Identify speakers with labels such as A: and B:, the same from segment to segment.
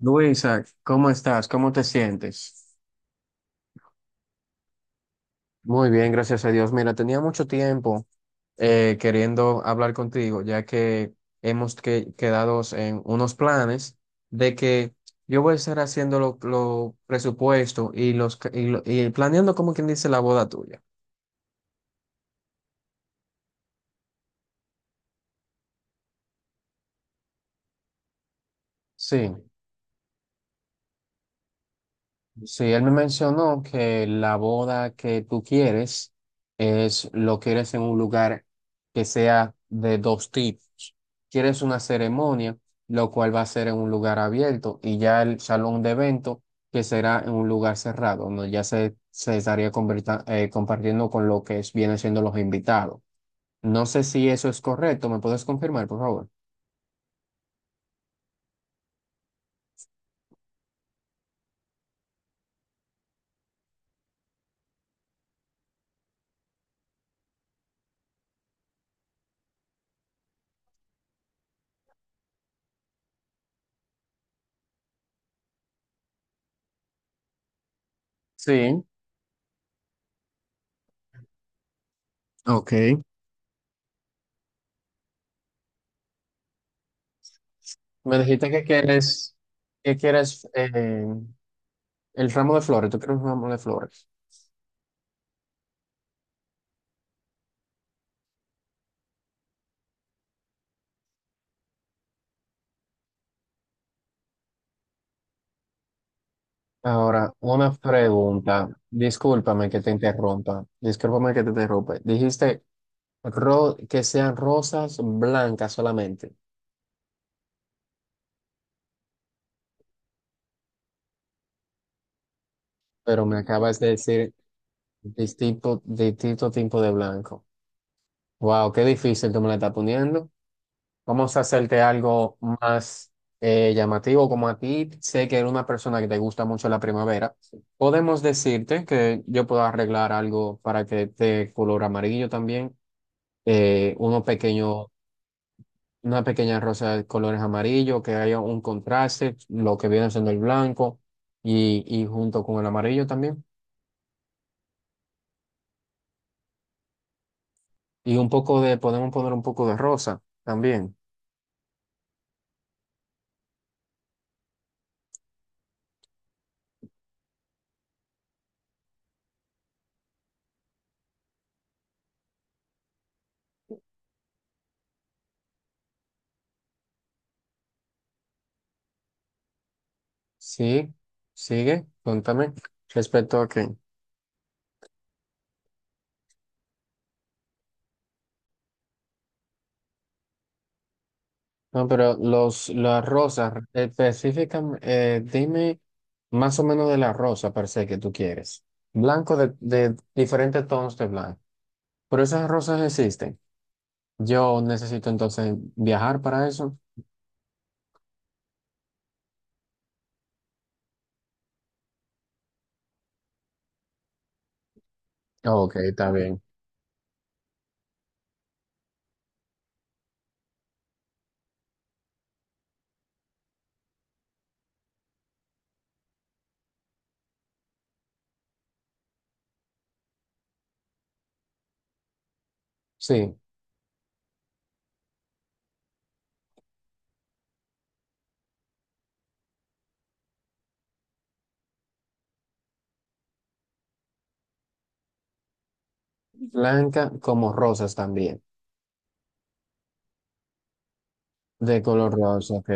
A: Luisa, ¿cómo estás? ¿Cómo te sientes? Muy bien, gracias a Dios. Mira, tenía mucho tiempo queriendo hablar contigo, ya que hemos quedado en unos planes de que yo voy a estar haciendo los lo presupuesto y, los, ca- y, lo- y planeando, como quien dice, la boda tuya. Sí. Sí, él me mencionó que la boda que tú quieres es lo quieres en un lugar que sea de dos tipos. Quieres una ceremonia, lo cual va a ser en un lugar abierto, y ya el salón de evento, que será en un lugar cerrado, donde ya se estaría compartiendo con lo que es, vienen siendo los invitados. No sé si eso es correcto, ¿me puedes confirmar, por favor? Sí, ok. Me dijiste que quieres, que quieres. El ramo de flores, ¿tú quieres un ramo de flores? Ahora, una pregunta. Discúlpame que te interrumpa. Discúlpame que te interrumpa. Dijiste que sean rosas blancas solamente, pero me acabas de decir distinto tipo de blanco. Wow, qué difícil tú me la estás poniendo. Vamos a hacerte algo más llamativo, como a ti sé que eres una persona que te gusta mucho la primavera. Podemos decirte que yo puedo arreglar algo para que te color amarillo también. Uno pequeño, una pequeña rosa de colores amarillo, que haya un contraste, lo que viene siendo el blanco y junto con el amarillo también. Y un poco de, podemos poner un poco de rosa también. Sí, sigue, cuéntame respecto a qué. No, pero las rosas, específicamente, dime más o menos de la rosa per se que tú quieres. Blanco de diferentes tonos de blanco. Pero esas rosas existen. Yo necesito entonces viajar para eso. Ok, está bien. Sí, blanca como rosas también, de color rosa, ok.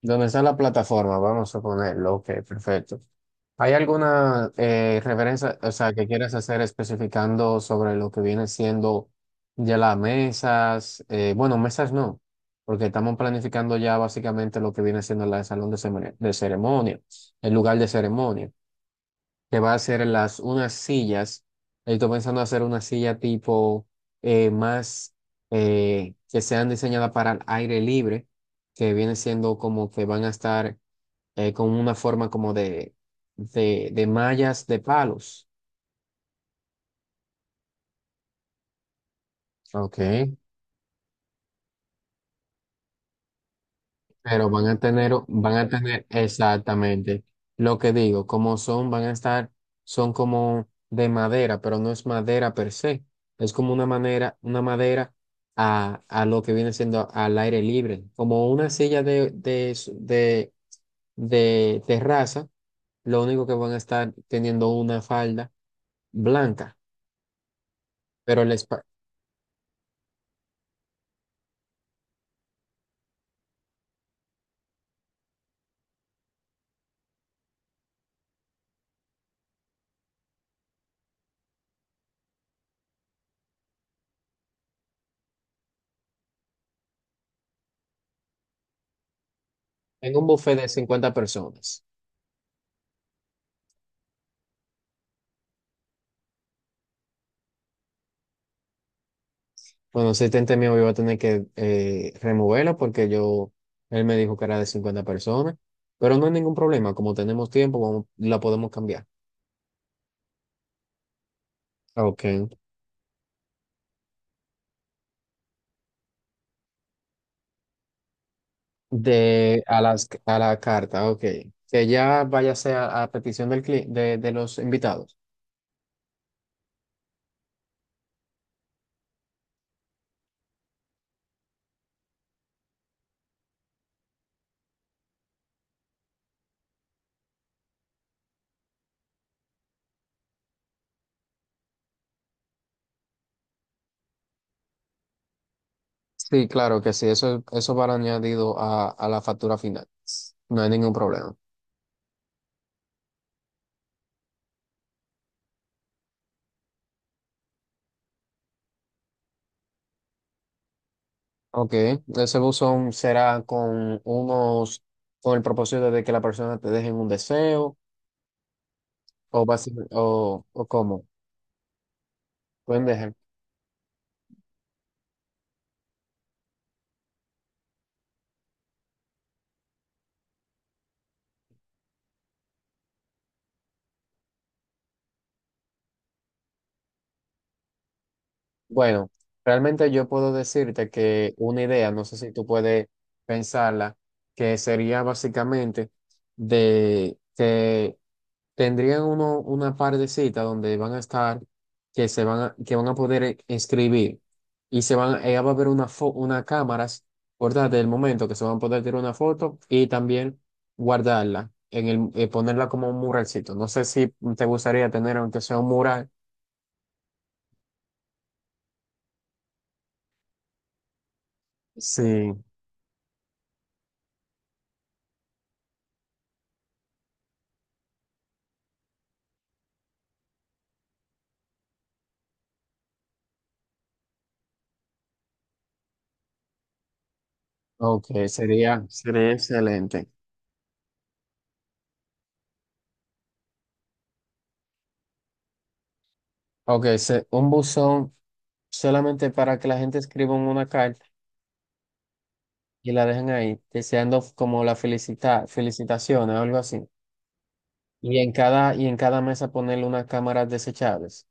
A: ¿Dónde está la plataforma? Vamos a ponerlo, ok, perfecto. ¿Hay alguna referencia, o sea, que quieras hacer especificando sobre lo que viene siendo ya las mesas? Bueno, mesas no, porque estamos planificando ya básicamente lo que viene siendo la de salón de ceremonia, el lugar de ceremonia. Que va a hacer las unas sillas. Estoy pensando hacer una silla tipo más que sean diseñadas para el aire libre, que viene siendo como que van a estar con una forma como de mallas de palos. Ok, pero van a tener exactamente lo que digo, como son, van a estar, son como de madera, pero no es madera per se, es como una manera, una madera a lo que viene siendo al aire libre, como una silla de terraza, lo único que van a estar teniendo una falda blanca, pero el en un buffet de 50 personas. Bueno, ese tente mío yo iba a tener que removerla porque yo, él me dijo que era de 50 personas, pero no hay ningún problema, como tenemos tiempo, la podemos cambiar. Ok. De a las a la carta, ok. Que ya váyase a petición de los invitados. Sí, claro que sí, eso va añadido a la factura final. No hay ningún problema. Ok, ese buzón será con unos, con el propósito de que la persona te deje un deseo. O, o cómo. Buen ejemplo. Bueno, realmente yo puedo decirte que una idea, no sé si tú puedes pensarla, que sería básicamente de que tendrían uno una partecita donde van a estar, que se van a, que van a poder escribir y se van, ella va a haber una cámaras, ¿verdad? Del momento que se van a poder tirar una foto y también guardarla en el, ponerla como un muralcito. No sé si te gustaría tener aunque sea un mural. Sí, ok, sería, sería excelente. Ok, un buzón solamente para que la gente escriba en una carta y la dejen ahí, deseando como la felicita, felicitaciones o algo así. Y en cada mesa ponerle unas cámaras desechables.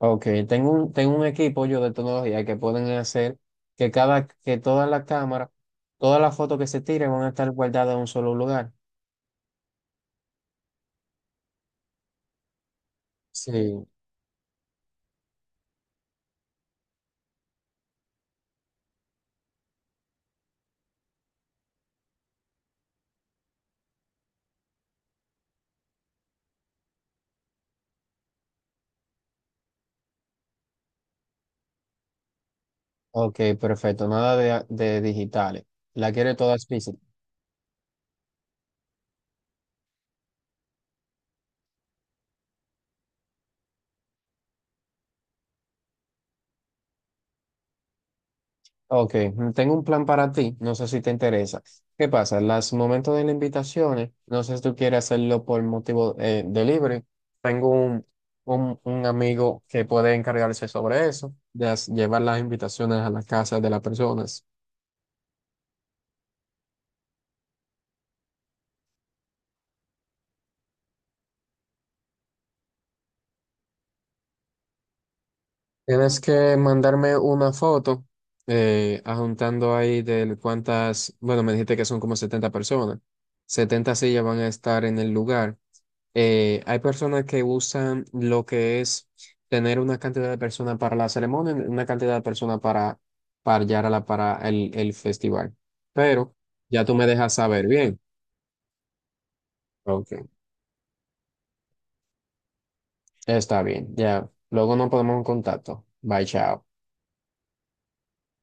A: Ok, tengo un equipo yo de tecnología que pueden hacer que cada, que todas las cámaras, todas las fotos que se tiren van a estar guardadas en un solo lugar. Sí, ok, perfecto, nada de digitales. La quiere todas físicas. Ok, tengo un plan para ti, no sé si te interesa. ¿Qué pasa? Los momentos de las invitaciones, no sé si tú quieres hacerlo por motivo de libre. Tengo un amigo que puede encargarse sobre eso, de llevar las invitaciones a las casas de las personas. Tienes que mandarme una foto, adjuntando ahí de cuántas, bueno, me dijiste que son como 70 personas. 70 sillas van a estar en el lugar. Hay personas que usan lo que es tener una cantidad de personas para la ceremonia, una cantidad de personas para Yarala, para el festival. Pero ya tú me dejas saber bien. Ok, está bien. Ya, luego nos ponemos en contacto. Bye, chao.